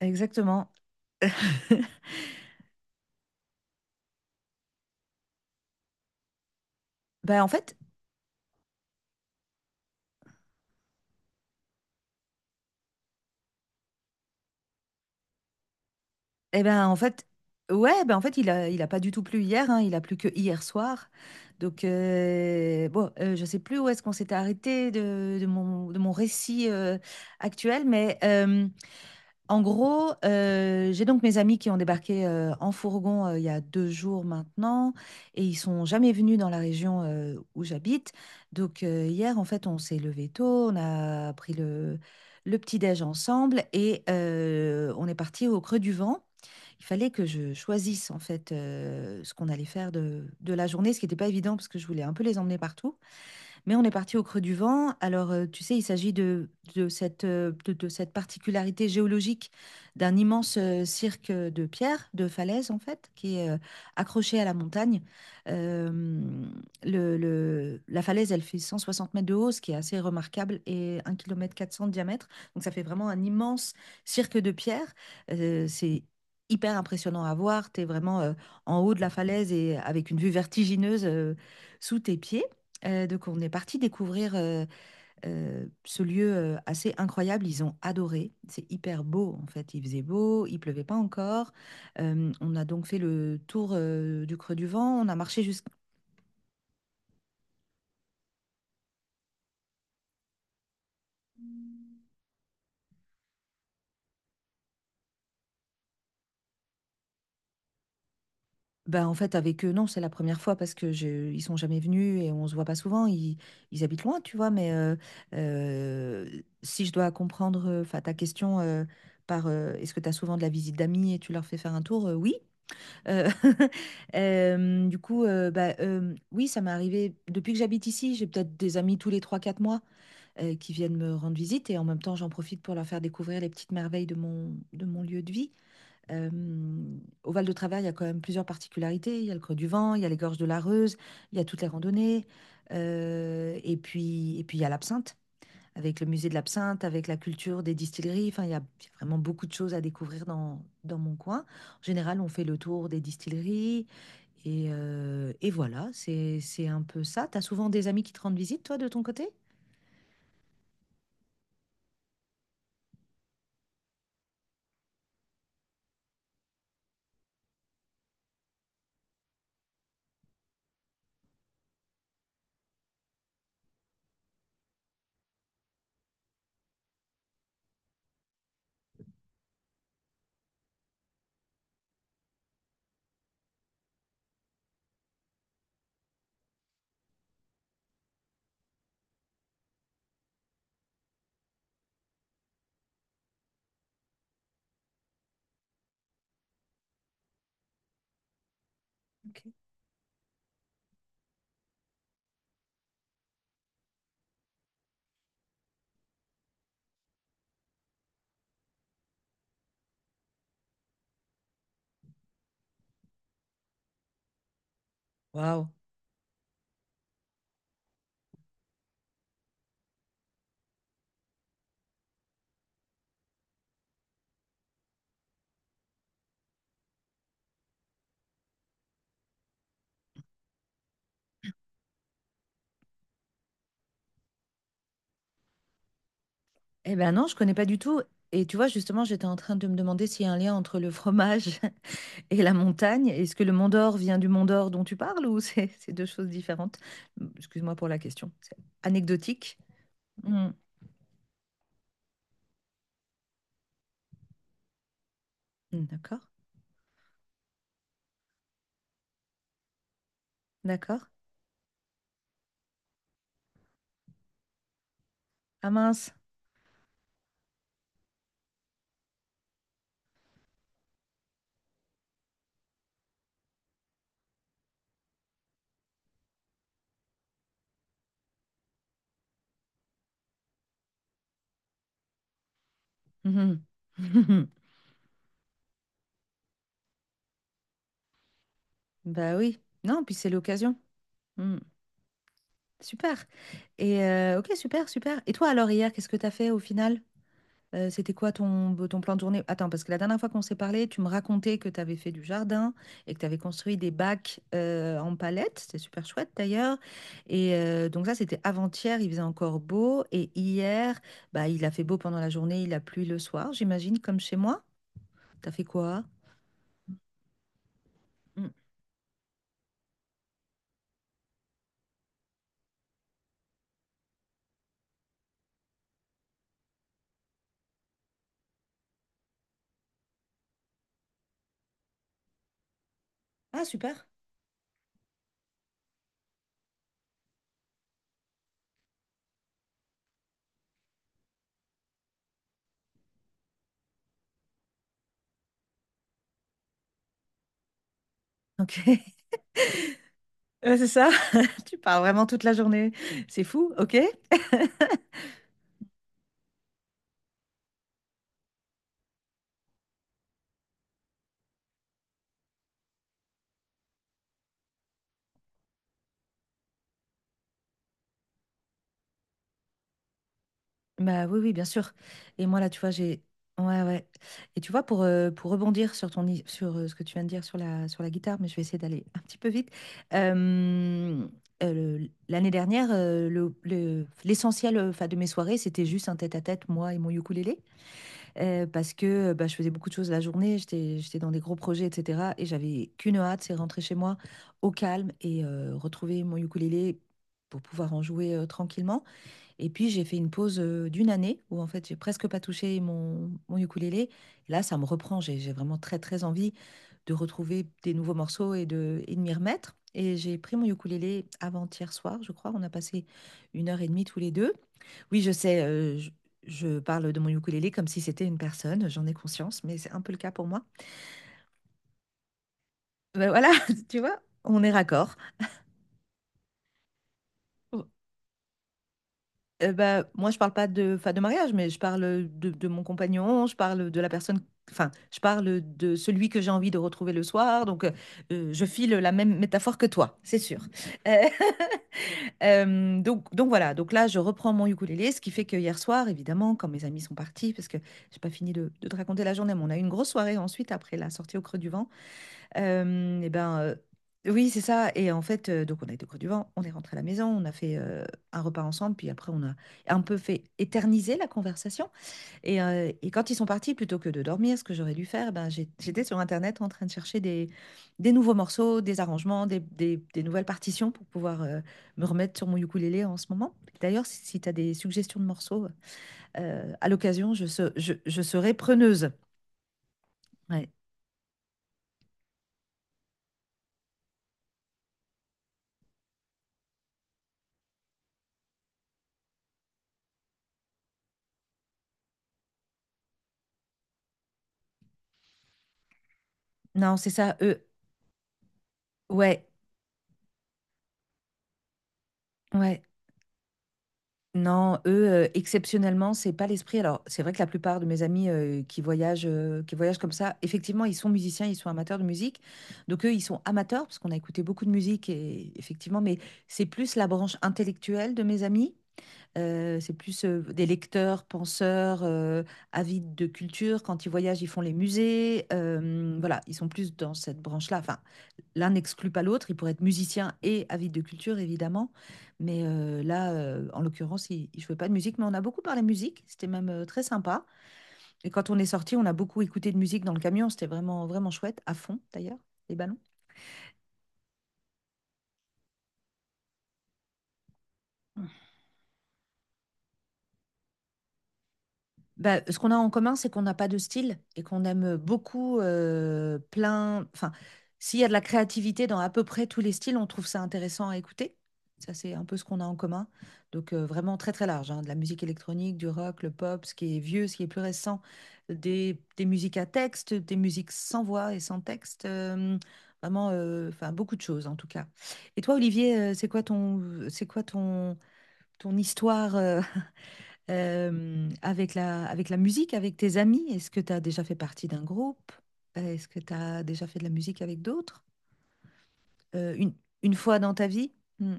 Exactement. Ben en fait, eh ben en fait, ouais, ben en fait, il a pas du tout plu hier, hein, il a plu que hier soir. Donc bon, je sais plus où est-ce qu'on s'était arrêté de mon récit actuel, mais en gros, j'ai donc mes amis qui ont débarqué, en fourgon, il y a 2 jours maintenant et ils sont jamais venus dans la région, où j'habite. Donc, hier, en fait, on s'est levé tôt, on a pris le petit-déj ensemble et on est parti au Creux du Vent. Il fallait que je choisisse, en fait, ce qu'on allait faire de la journée, ce qui n'était pas évident parce que je voulais un peu les emmener partout. Mais on est parti au Creux du Vent. Alors, tu sais, il s'agit de cette particularité géologique d'un immense cirque de pierre, de falaise en fait, qui est accroché à la montagne. Euh, la falaise, elle fait 160 mètres de haut, ce qui est assez remarquable, et 1,4 km de diamètre. Donc, ça fait vraiment un immense cirque de pierre. C'est hyper impressionnant à voir. Tu es vraiment en haut de la falaise et avec une vue vertigineuse sous tes pieds. Donc on est parti découvrir ce lieu assez incroyable. Ils ont adoré. C'est hyper beau en fait. Il faisait beau, il pleuvait pas encore. On a donc fait le tour du Creux du Vent. On a marché jusqu'à. Ben, en fait avec eux, non, c'est la première fois parce que ils sont jamais venus et on se voit pas souvent. Ils habitent loin, tu vois. Mais euh, si je dois comprendre, enfin ta question par est-ce que tu as souvent de la visite d'amis et tu leur fais faire un tour? Oui. Heu, du coup, oui, ça m'est arrivé depuis que j'habite ici, j'ai peut-être des amis tous les 3, 4 mois, qui viennent me rendre visite et en même temps, j'en profite pour leur faire découvrir les petites merveilles de mon lieu de vie. Au Val de Travers, il y a quand même plusieurs particularités. Il y a le Creux du Vent, il y a les gorges de la Reuse, il y a toutes les randonnées, et puis il y a l'absinthe avec le musée de l'absinthe, avec la culture des distilleries. Enfin, il y a vraiment beaucoup de choses à découvrir dans mon coin. En général, on fait le tour des distilleries et voilà, c'est un peu ça. Tu as souvent des amis qui te rendent visite, toi, de ton côté? Ok. Waouh. Eh ben non, je connais pas du tout. Et tu vois, justement, j'étais en train de me demander s'il y a un lien entre le fromage et la montagne. Est-ce que le Mont d'Or vient du Mont d'Or dont tu parles ou c'est c'est deux choses différentes? Excuse-moi pour la question. C'est anecdotique. Mm. D'accord, d'accord. Ah mince. Mhm. Bah oui. Non, puis c'est l'occasion. Mm. Super. Et ok, super, super. Et toi alors hier, qu'est-ce que t'as fait au final? C'était quoi ton plan de journée? Attends, parce que la dernière fois qu'on s'est parlé, tu me racontais que tu avais fait du jardin et que tu avais construit des bacs en palette. C'était super chouette d'ailleurs. Et donc ça, c'était avant-hier, il faisait encore beau. Et hier, bah, il a fait beau pendant la journée, il a plu le soir, j'imagine, comme chez moi. T'as fait quoi? Mm. Ah, super. Ok. Ouais, c'est ça. Tu parles vraiment toute la journée. C'est fou, ok? Bah oui, oui, bien sûr. Et moi, là, tu vois, j'ai. Ouais, ouais. Et tu vois, pour rebondir sur ce que tu viens de dire sur la guitare, mais je vais essayer d'aller un petit peu vite. Euh, l'année dernière, l'essentiel, 'fin, de mes soirées, c'était juste un tête-à-tête, moi et mon ukulélé. Parce que, bah, je faisais beaucoup de choses la journée, j'étais dans des gros projets et cetera et j'avais qu'une hâte, c'est rentrer chez moi au calme et retrouver mon ukulélé pour pouvoir en jouer, tranquillement et puis j'ai fait une pause, d'une année où en fait j'ai presque pas touché mon ukulélé. Et là, ça me reprend, j'ai vraiment très, très envie de retrouver des nouveaux morceaux et de m'y remettre et j'ai pris mon ukulélé avant-hier soir, je crois. On a passé une heure et demie tous les 2. Oui, je sais, je parle de mon ukulélé comme si c'était une personne, j'en ai conscience, mais c'est un peu le cas pour moi. Ben voilà, tu vois, on est raccord. Oh, bah, moi, je parle pas de, enfin, de mariage, mais je parle de mon compagnon, je parle de la personne, enfin, je parle de celui que j'ai envie de retrouver le soir, donc je file la même métaphore que toi, c'est sûr. Euh, donc voilà, donc là je reprends mon ukulélé, ce qui fait que hier soir, évidemment, quand mes amis sont partis, parce que j'ai pas fini de te raconter la journée, mais on a eu une grosse soirée ensuite après la sortie au Creux du Vent. Et ben oui, c'est ça. Et en fait, donc on a été au Creux du Vent, on est rentré à la maison, on a fait un repas ensemble, puis après on a un peu fait éterniser la conversation. Et quand ils sont partis, plutôt que de dormir, ce que j'aurais dû faire, ben, j'étais sur Internet en train de chercher des nouveaux morceaux, des arrangements, des nouvelles partitions pour pouvoir me remettre sur mon ukulélé en ce moment. D'ailleurs, si tu as des suggestions de morceaux, à l'occasion, je serai preneuse. Ouais. Non, c'est ça, eux. Ouais, ouais. Non, eux, exceptionnellement, c'est pas l'esprit. Alors, c'est vrai que la plupart de mes amis qui voyagent comme ça, effectivement, ils sont musiciens, ils sont amateurs de musique. Donc, eux, ils sont amateurs parce qu'on a écouté beaucoup de musique, et, effectivement, mais c'est plus la branche intellectuelle de mes amis. C'est plus des lecteurs, penseurs, avides de culture. Quand ils voyagent, ils font les musées. Voilà, ils sont plus dans cette branche-là. Enfin, l'un n'exclut pas l'autre. Ils pourraient être musiciens et avides de culture, évidemment. Mais là, en l'occurrence, ils ne jouaient pas de musique. Mais on a beaucoup parlé musique. C'était même très sympa. Et quand on est sorti, on a beaucoup écouté de musique dans le camion. C'était vraiment, vraiment chouette, à fond d'ailleurs, les ballons. Bah, ce qu'on a en commun, c'est qu'on n'a pas de style et qu'on aime beaucoup plein. Enfin, s'il y a de la créativité dans à peu près tous les styles, on trouve ça intéressant à écouter. Ça, c'est un peu ce qu'on a en commun. Donc, vraiment très, très large, hein, de la musique électronique, du rock, le pop, ce qui est vieux, ce qui est plus récent, des musiques à texte, des musiques sans voix et sans texte. Vraiment, enfin, beaucoup de choses, en tout cas. Et toi, Olivier, c'est quoi ton histoire, avec la musique, avec tes amis. Est-ce que tu as déjà fait partie d'un groupe? Est-ce que tu as déjà fait de la musique avec d'autres? Euh, une, une fois dans ta vie? Hmm,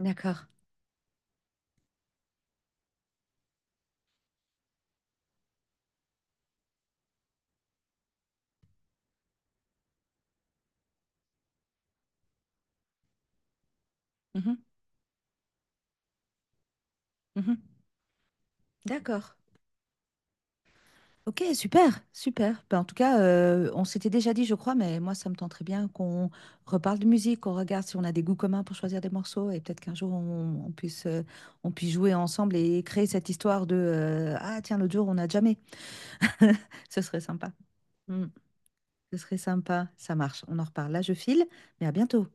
d'accord. Mhm, mhm. D'accord. Ok, super, super. Ben, en tout cas, on s'était déjà dit, je crois, mais moi, ça me tenterait bien qu'on reparle de musique, qu'on regarde si on a des goûts communs pour choisir des morceaux et peut-être qu'un jour, on puisse jouer ensemble et créer cette histoire de Ah, tiens, l'autre jour, on n'a jamais. Ce serait sympa. Hmm. Ce serait sympa. Ça marche. On en reparle. Là, je file, mais à bientôt.